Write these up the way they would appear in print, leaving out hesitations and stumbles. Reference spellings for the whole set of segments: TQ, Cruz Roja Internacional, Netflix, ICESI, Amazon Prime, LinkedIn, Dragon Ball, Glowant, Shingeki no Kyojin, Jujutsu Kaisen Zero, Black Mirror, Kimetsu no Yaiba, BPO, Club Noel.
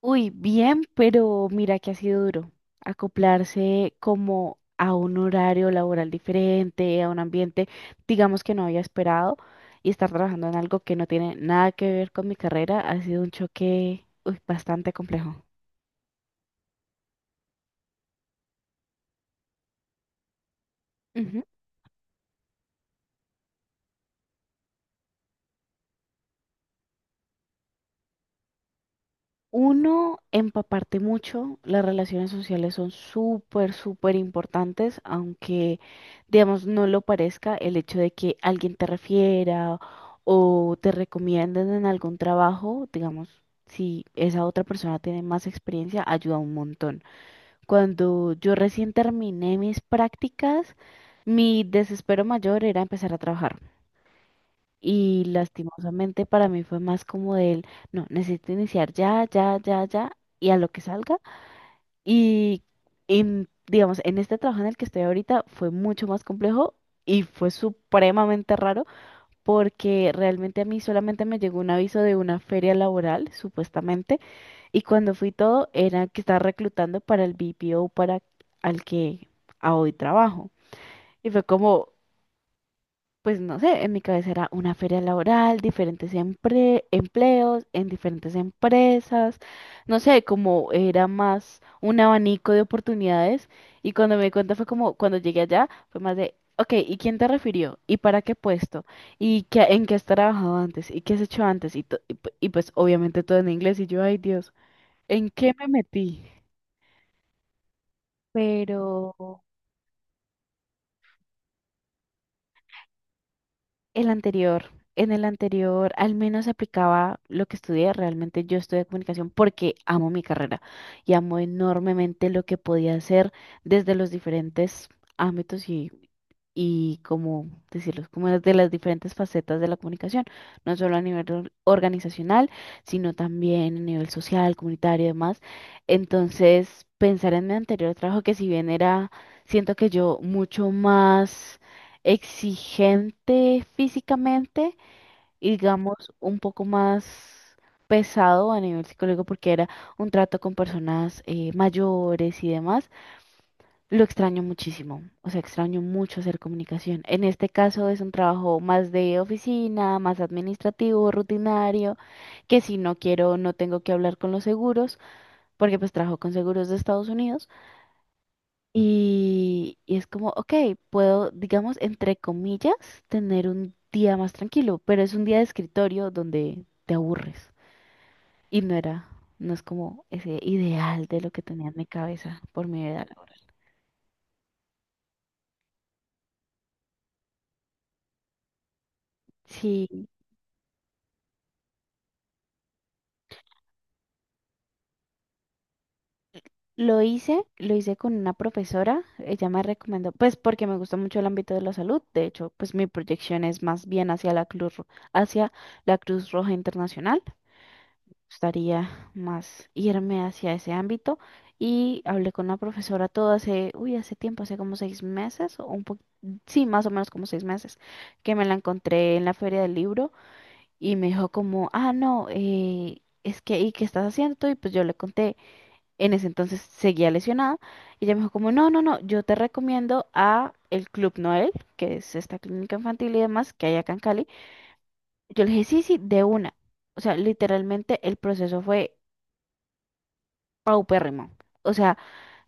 Uy, bien, pero mira que ha sido duro acoplarse como a un horario laboral diferente, a un ambiente, digamos que no había esperado, y estar trabajando en algo que no tiene nada que ver con mi carrera ha sido un choque, uy, bastante complejo. Uno, empaparte mucho. Las relaciones sociales son súper, súper importantes, aunque, digamos, no lo parezca el hecho de que alguien te refiera o te recomienden en algún trabajo, digamos, si esa otra persona tiene más experiencia, ayuda un montón. Cuando yo recién terminé mis prácticas, mi desespero mayor era empezar a trabajar. Y lastimosamente para mí fue más como del, no, necesito iniciar ya, ya, ya, ya, y a lo que salga. Y digamos, en este trabajo en el que estoy ahorita fue mucho más complejo y fue supremamente raro porque realmente a mí solamente me llegó un aviso de una feria laboral, supuestamente, y cuando fui todo era que estaba reclutando para el BPO para al que a hoy trabajo. Y fue como pues no sé, en mi cabeza era una feria laboral, diferentes empleos en diferentes empresas, no sé, como era más un abanico de oportunidades. Y cuando me di cuenta fue como, cuando llegué allá, fue más de, ok, ¿y quién te refirió? ¿Y para qué puesto? ¿Y qué, en qué has trabajado antes? ¿Y qué has hecho antes? Y, pues obviamente todo en inglés y yo, ay Dios, ¿en qué me metí? Pero. El anterior, en el anterior al menos aplicaba lo que estudié. Realmente yo estudié comunicación porque amo mi carrera y amo enormemente lo que podía hacer desde los diferentes ámbitos y como decirlo, como de las diferentes facetas de la comunicación, no solo a nivel organizacional, sino también a nivel social, comunitario y demás. Entonces, pensar en mi anterior trabajo, que si bien era, siento que yo mucho más exigente físicamente y digamos un poco más pesado a nivel psicológico porque era un trato con personas mayores y demás. Lo extraño muchísimo, o sea, extraño mucho hacer comunicación. En este caso es un trabajo más de oficina, más administrativo, rutinario, que si no quiero, no tengo que hablar con los seguros, porque pues trabajo con seguros de Estados Unidos y es como, ok, puedo, digamos, entre comillas, tener un día más tranquilo, pero es un día de escritorio donde te aburres y no era, no es como ese ideal de lo que tenía en mi cabeza por mi edad laboral. Sí. Lo hice con una profesora, ella me recomendó, pues porque me gusta mucho el ámbito de la salud. De hecho, pues mi proyección es más bien hacia la Cruz Roja Internacional, gustaría más irme hacia ese ámbito. Y hablé con la profesora todo hace, uy, hace tiempo, hace como 6 meses, sí, más o menos como 6 meses, que me la encontré en la feria del libro. Y me dijo como, ah, no, es que, ¿y qué estás haciendo tú? Y pues yo le conté, en ese entonces seguía lesionada. Y ella me dijo como, no, no, no, yo te recomiendo a el Club Noel, que es esta clínica infantil y demás que hay acá en Cali. Yo le dije, sí, sí, de una. O sea, literalmente el proceso fue paupérrimo. O sea,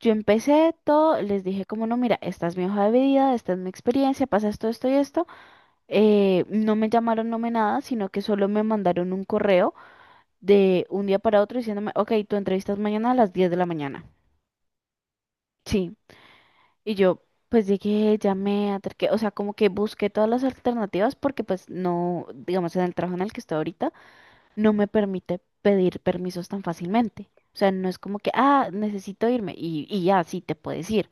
yo empecé todo, les dije como, no, mira, esta es mi hoja de vida, esta es mi experiencia, pasa esto, esto y esto. No me llamaron, no me nada, sino que solo me mandaron un correo de un día para otro diciéndome, ok, tu entrevista es mañana a las 10 de la mañana. Sí. Y yo, pues llegué, llamé, acerqué, o sea, como que busqué todas las alternativas porque pues no, digamos, en el trabajo en el que estoy ahorita, no me permite pedir permisos tan fácilmente. O sea, no es como que, ah, necesito irme y ya, sí, te puedes ir.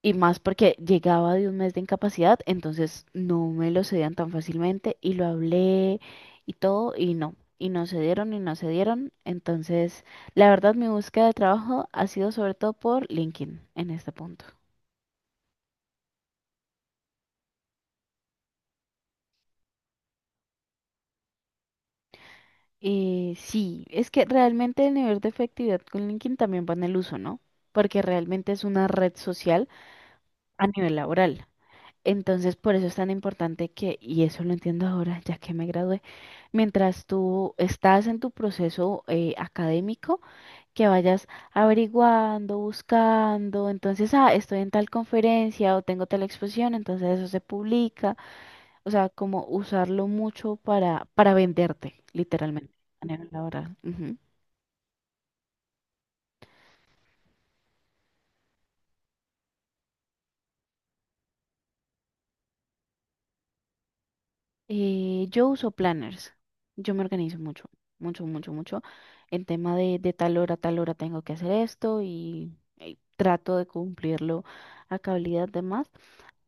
Y más porque llegaba de un mes de incapacidad, entonces no me lo cedían tan fácilmente y lo hablé y todo y no. Y no se dieron y no se dieron. Entonces, la verdad, mi búsqueda de trabajo ha sido sobre todo por LinkedIn en este punto. Sí, es que realmente el nivel de efectividad con LinkedIn también va en el uso, ¿no? Porque realmente es una red social a nivel laboral. Entonces, por eso es tan importante que, y eso lo entiendo ahora, ya que me gradué, mientras tú estás en tu proceso académico, que vayas averiguando, buscando, entonces, ah, estoy en tal conferencia o tengo tal exposición, entonces eso se publica, o sea, como usarlo mucho para, venderte, literalmente, a nivel laboral. Ujú. Yo uso planners. Yo me organizo mucho, mucho, mucho, mucho. En tema de tal hora tengo que hacer esto y trato de cumplirlo a cabalidad de más.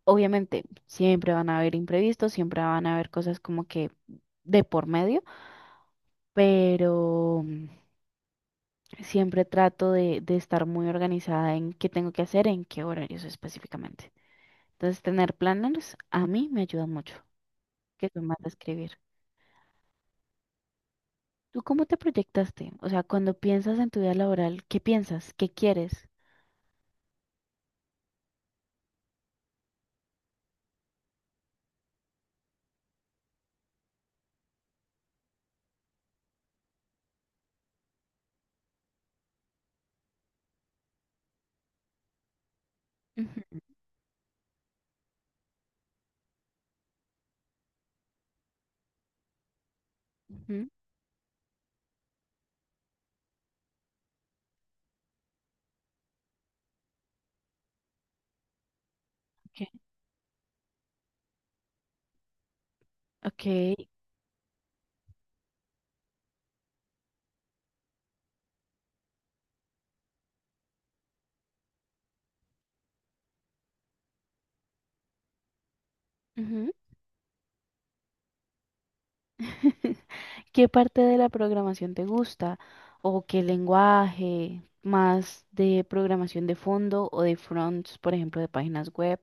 Obviamente, siempre van a haber imprevistos, siempre van a haber cosas como que de por medio, pero siempre trato de estar muy organizada en qué tengo que hacer, en qué horarios específicamente. Entonces, tener planners a mí me ayuda mucho, que soy más de escribir. ¿Tú cómo te proyectaste? O sea, cuando piensas en tu vida laboral, ¿qué piensas? ¿Qué quieres? Ujú. Ujú. Ok. Ok. Ujú. ¿Qué parte de la programación te gusta? ¿O qué lenguaje? ¿Más de programación de fondo o de fronts, por ejemplo, de páginas web?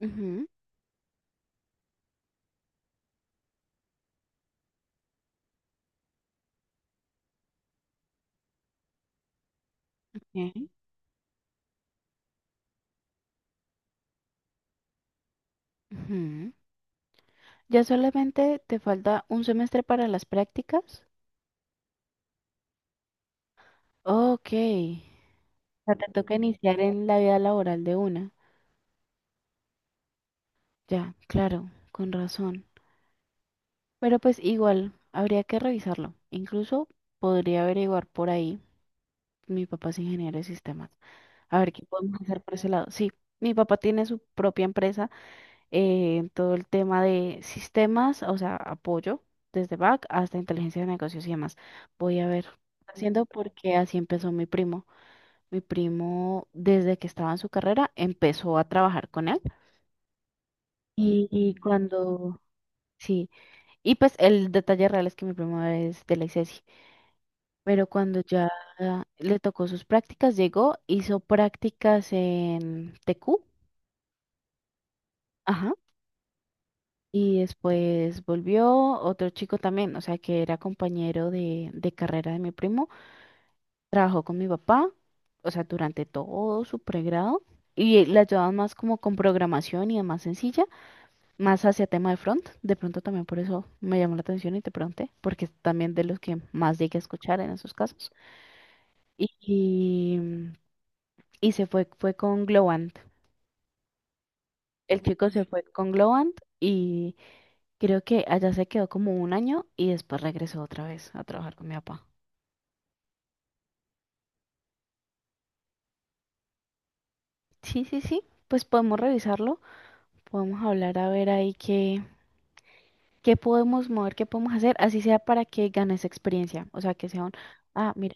Ujú. Ok. Ujú. ¿Ya solamente te falta un semestre para las prácticas? Ok. O sea, te toca iniciar en la vida laboral de una. Ya, claro, con razón. Pero pues igual, habría que revisarlo. Incluso podría averiguar por ahí. Mi papá es ingeniero de sistemas. A ver qué podemos hacer por ese lado. Sí, mi papá tiene su propia empresa en todo el tema de sistemas, o sea, apoyo desde back hasta inteligencia de negocios y demás. Voy a ver qué está haciendo porque así empezó mi primo. Mi primo, desde que estaba en su carrera, empezó a trabajar con él. Y, y cuando, sí, y pues el detalle real es que mi primo es de la ICESI. Pero cuando ya le tocó sus prácticas, llegó, hizo prácticas en TQ, ajá, y después volvió otro chico también, o sea, que era compañero de carrera de mi primo, trabajó con mi papá, o sea, durante todo su pregrado, y le ayudaban más como con programación y demás sencilla, más hacia tema de front, de pronto también por eso me llamó la atención y te pregunté, porque es también de los que más llegué a escuchar en esos casos. Y, y se fue, fue con Glowant. El chico se fue con Glowant y creo que allá se quedó como un año y después regresó otra vez a trabajar con mi papá. Sí, sí, sí, pues podemos revisarlo, podemos hablar a ver ahí qué podemos mover, qué podemos hacer, así sea para que ganes experiencia, o sea, que sea un, ah, mira,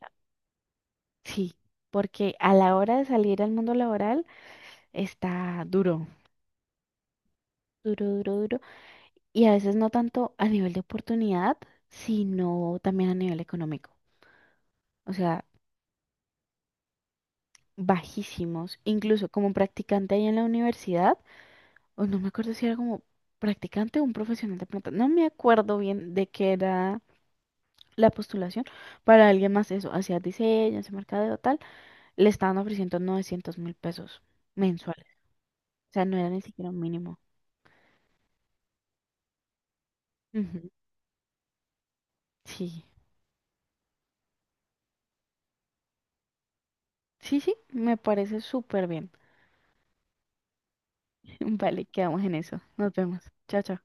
sí, porque a la hora de salir al mundo laboral está duro, duro, duro, duro, y a veces no tanto a nivel de oportunidad, sino también a nivel económico. O sea, bajísimos, incluso como practicante ahí en la universidad, o no me acuerdo si era como practicante o un profesional de planta, no me acuerdo bien de qué era la postulación para alguien más eso, hacía diseño, hacía mercadeo, tal, le estaban ofreciendo 900 mil pesos mensuales, o sea, no era ni siquiera un mínimo. Ujú. Sí, sí, sí, me parece súper bien. Vale, quedamos en eso, nos vemos, chao, chao.